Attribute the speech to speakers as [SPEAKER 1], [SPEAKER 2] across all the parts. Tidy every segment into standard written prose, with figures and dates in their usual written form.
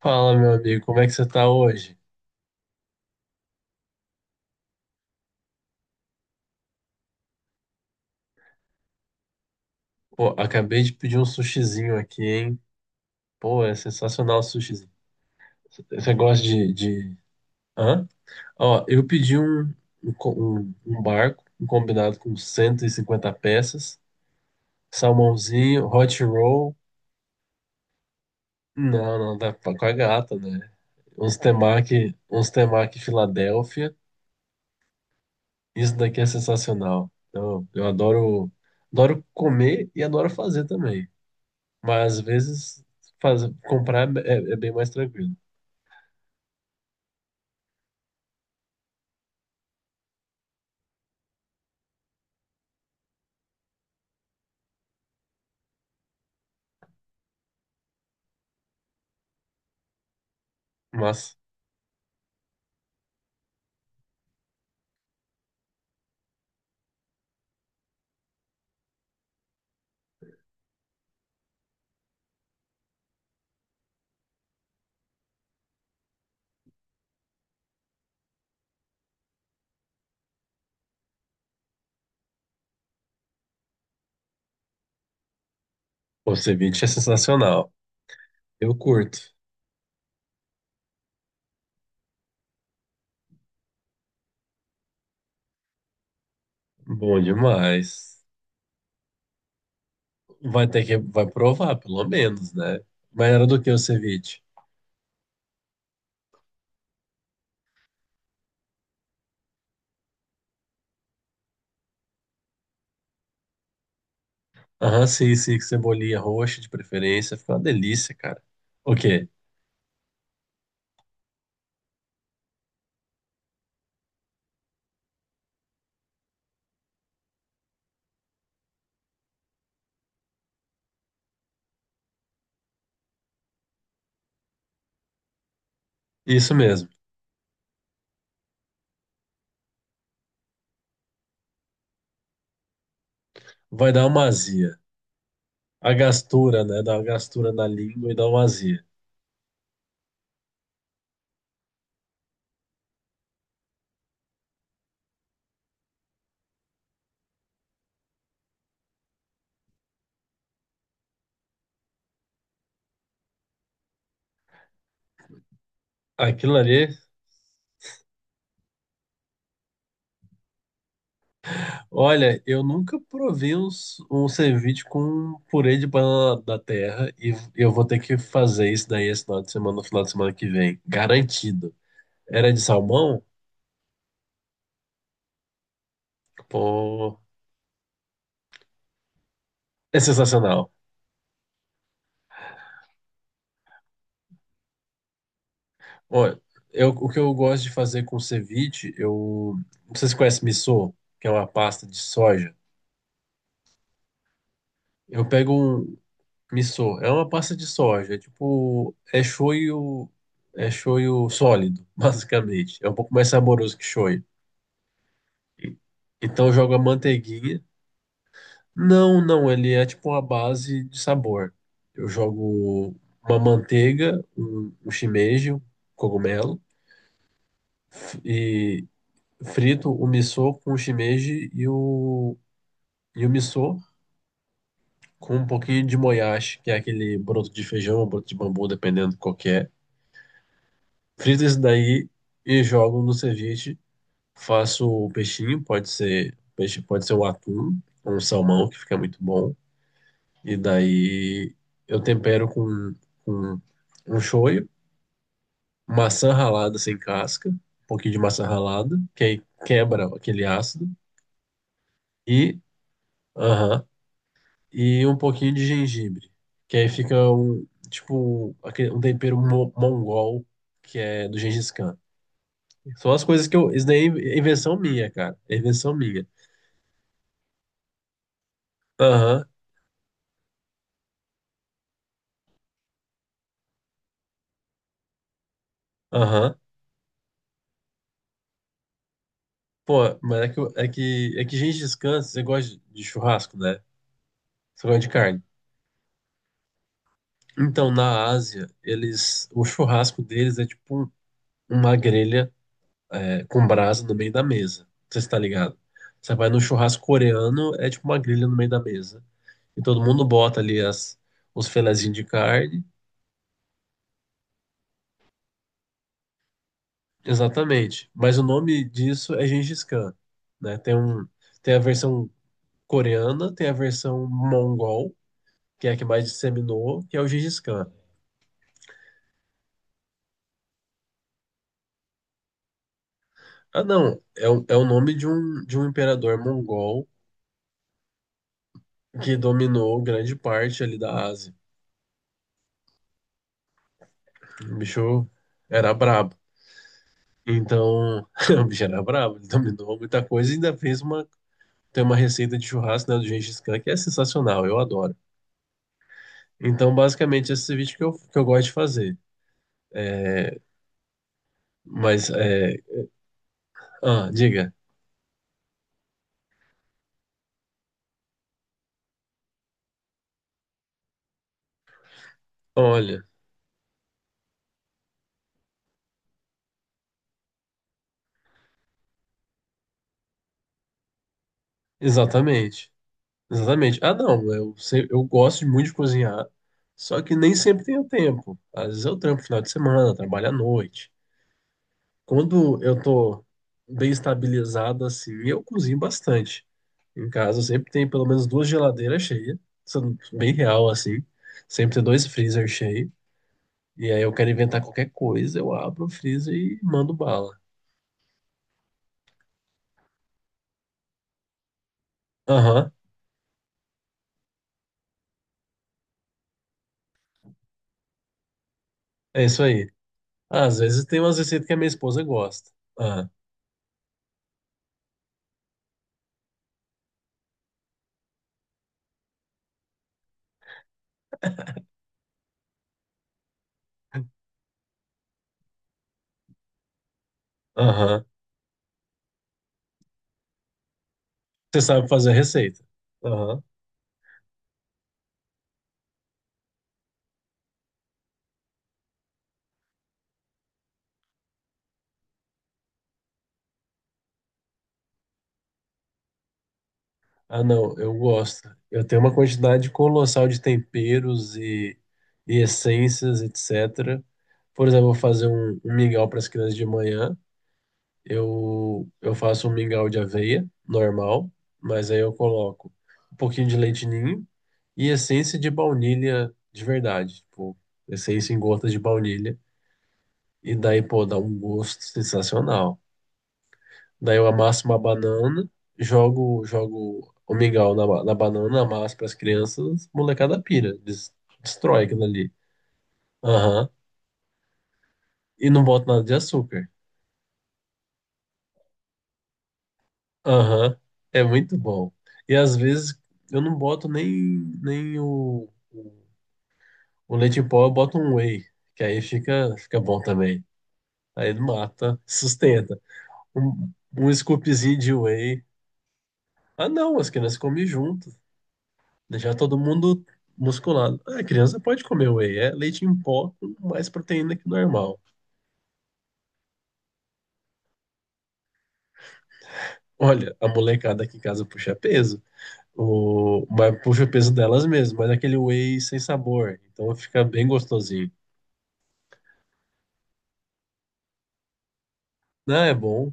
[SPEAKER 1] Fala, meu amigo, como é que você tá hoje? Pô, acabei de pedir um sushizinho aqui, hein? Pô, é sensacional o sushizinho. Você gosta de. Hã? Ó, eu pedi um barco, um combinado com 150 peças, salmãozinho, hot roll. Não, não, dá pra com a gata, né? Uns temaki Filadélfia. Isso daqui é sensacional. Eu adoro comer e adoro fazer também. Mas às vezes faz, comprar é bem mais tranquilo. Mas o ceviche é sensacional. Eu curto. Bom demais. Vai provar, pelo menos, né? Mas era do que o ceviche? Aham, sim, sim, com cebolinha roxa de preferência. Fica uma delícia, cara. Ok, isso mesmo. Vai dar uma azia. A gastura, né? Dá uma gastura na língua e dá uma azia. Aquilo ali Olha, eu nunca provei um ceviche com purê de banana da terra e eu vou ter que fazer isso daí esse final de semana, no final de semana que vem. Garantido. Era de salmão? Pô, é sensacional. Olha, o que eu gosto de fazer com ceviche, eu. Não sei se você conhece missô, que é uma pasta de soja. Eu pego um missô, é uma pasta de soja, é tipo. É shoyu sólido, basicamente. É um pouco mais saboroso que shoyu. E- Então eu jogo a manteiguinha. Não, não, ele é tipo uma base de sabor. Eu jogo uma manteiga, um shimeji, um cogumelo, e frito o miso com o shimeji e o miso com um pouquinho de moyashi, que é aquele broto de feijão ou broto de bambu, dependendo qual que é. Frito isso daí e jogo no ceviche. Faço o peixinho, pode ser peixe, pode ser o atum, ou um salmão, que fica muito bom. E daí eu tempero com um shoyu, maçã ralada sem casca, um pouquinho de maçã ralada, que aí quebra aquele ácido, e, aham, e um pouquinho de gengibre, que aí fica um, tipo, um tempero mongol, que é do Gengis Khan. São as coisas isso daí é invenção minha, cara, é invenção minha. Aham, aham. Pô, mas é que, eu- é que Gengis Khan, você gosta de churrasco, né? Você gosta de carne. Então, na Ásia, o churrasco deles é tipo uma grelha com brasa no meio da mesa. Você está ligado? Você vai no churrasco coreano, é tipo uma grelha no meio da mesa. E todo mundo bota ali os filezinhos de carne. Exatamente. Mas o nome disso é Gengis Khan, né? Tem a versão coreana, tem a versão mongol, que é a que mais disseminou, que é o Gengis Khan. Ah, não, é o nome de um imperador mongol que dominou grande parte ali da Ásia. O bicho era brabo. Então, o bicho era brabo, ele dominou muita coisa e ainda tem uma receita de churrasco, né, do Gengis Khan, que é sensacional, eu adoro. Então, basicamente, esse vídeo que eu gosto de fazer. Mas, é. Ah, diga. Olha, exatamente. Exatamente. Ah, não, eu gosto muito de cozinhar, só que nem sempre tenho tempo. Às vezes eu trampo final de semana, trabalho à noite. Quando eu tô bem estabilizado assim, eu cozinho bastante. Em casa eu sempre tem pelo menos duas geladeiras cheias, sendo bem real assim. Sempre tem dois freezer cheios. E aí eu quero inventar qualquer coisa, eu abro o freezer e mando bala. Aham, é isso aí. Ah, às vezes tem umas receitas que a minha esposa gosta. Ah. Aham. Você sabe fazer a receita. Aham. Ah, não, eu gosto. Eu tenho uma quantidade colossal de temperos e essências, etc. Por exemplo, eu vou fazer um mingau para as crianças de manhã. Eu faço um mingau de aveia, normal, mas aí eu coloco um pouquinho de leite ninho e essência de baunilha de verdade, tipo, essência em gotas de baunilha. E daí, pô, dá um gosto sensacional. Daí eu amasso uma banana, jogo o mingau na banana, amasso para as crianças, molecada pira, destrói aquilo ali. Aham. E não boto nada de açúcar. Aham. É muito bom. E às vezes eu não boto nem o leite em pó, eu boto um whey, que aí fica bom também. Aí mata, sustenta. Um, um scoopzinho de whey. Ah, não, as crianças comem junto. Deixar todo mundo musculado. Ah, a criança pode comer whey, é leite em pó com mais proteína que o normal. Olha, a molecada aqui em casa puxa peso, mas puxa o peso delas mesmas, mas é aquele whey sem sabor, então fica bem gostosinho. Não, é bom.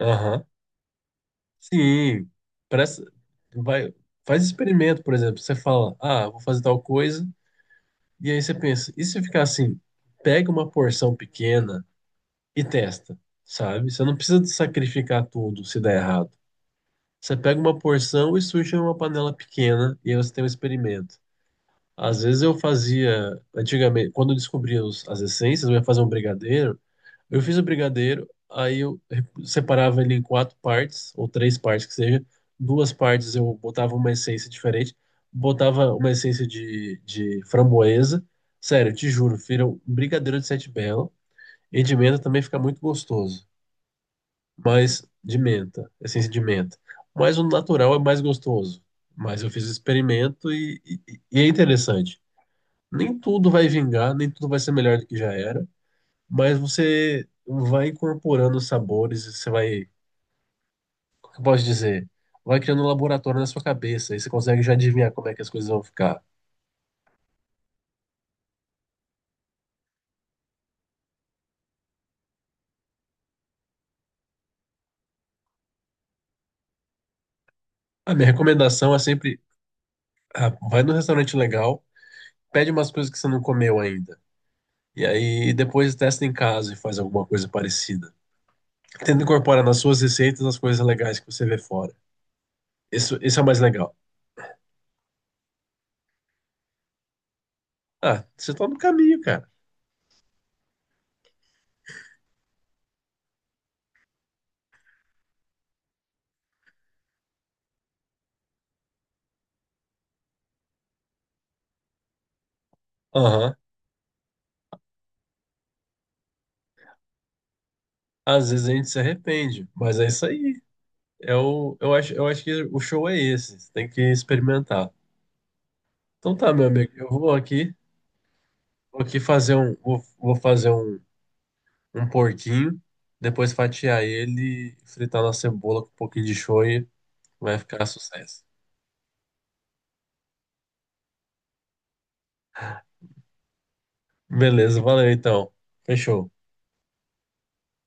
[SPEAKER 1] Aham. Sim. Presta... Vai... Faz experimento, por exemplo. Você fala, ah, vou fazer tal coisa, e aí você pensa, e se ficar assim? Pega uma porção pequena e testa, sabe? Você não precisa de sacrificar tudo se der errado. Você pega uma porção e suja em uma panela pequena e aí você tem um experimento. Às vezes eu fazia, antigamente, quando eu descobria as essências, eu ia fazer um brigadeiro. Eu fiz o brigadeiro, aí eu separava ele em quatro partes, ou três partes que seja. Duas partes eu botava uma essência diferente, botava uma essência de framboesa. Sério, te juro, vira um brigadeiro de sete belo. E de menta também fica muito gostoso. Mas de menta, essência de menta. Mas o natural é mais gostoso. Mas eu fiz o experimento e é interessante. Nem tudo vai vingar, nem tudo vai ser melhor do que já era, mas você vai incorporando os sabores, como que eu posso dizer? Vai criando um laboratório na sua cabeça e você consegue já adivinhar como é que as coisas vão ficar. A minha recomendação é sempre, ah, vai num restaurante legal, pede umas coisas que você não comeu ainda. E aí depois testa em casa e faz alguma coisa parecida. Tenta incorporar nas suas receitas as coisas legais que você vê fora. Isso é o mais legal. Ah, você tá no caminho, cara. Aham. Às vezes a gente se arrepende, mas é isso aí. Eu acho que o show é esse. Você tem que experimentar. Então tá, meu amigo. Eu vou aqui fazer um porquinho, depois fatiar ele, fritar na cebola com um pouquinho de show e vai ficar sucesso. Beleza, valeu então. Fechou.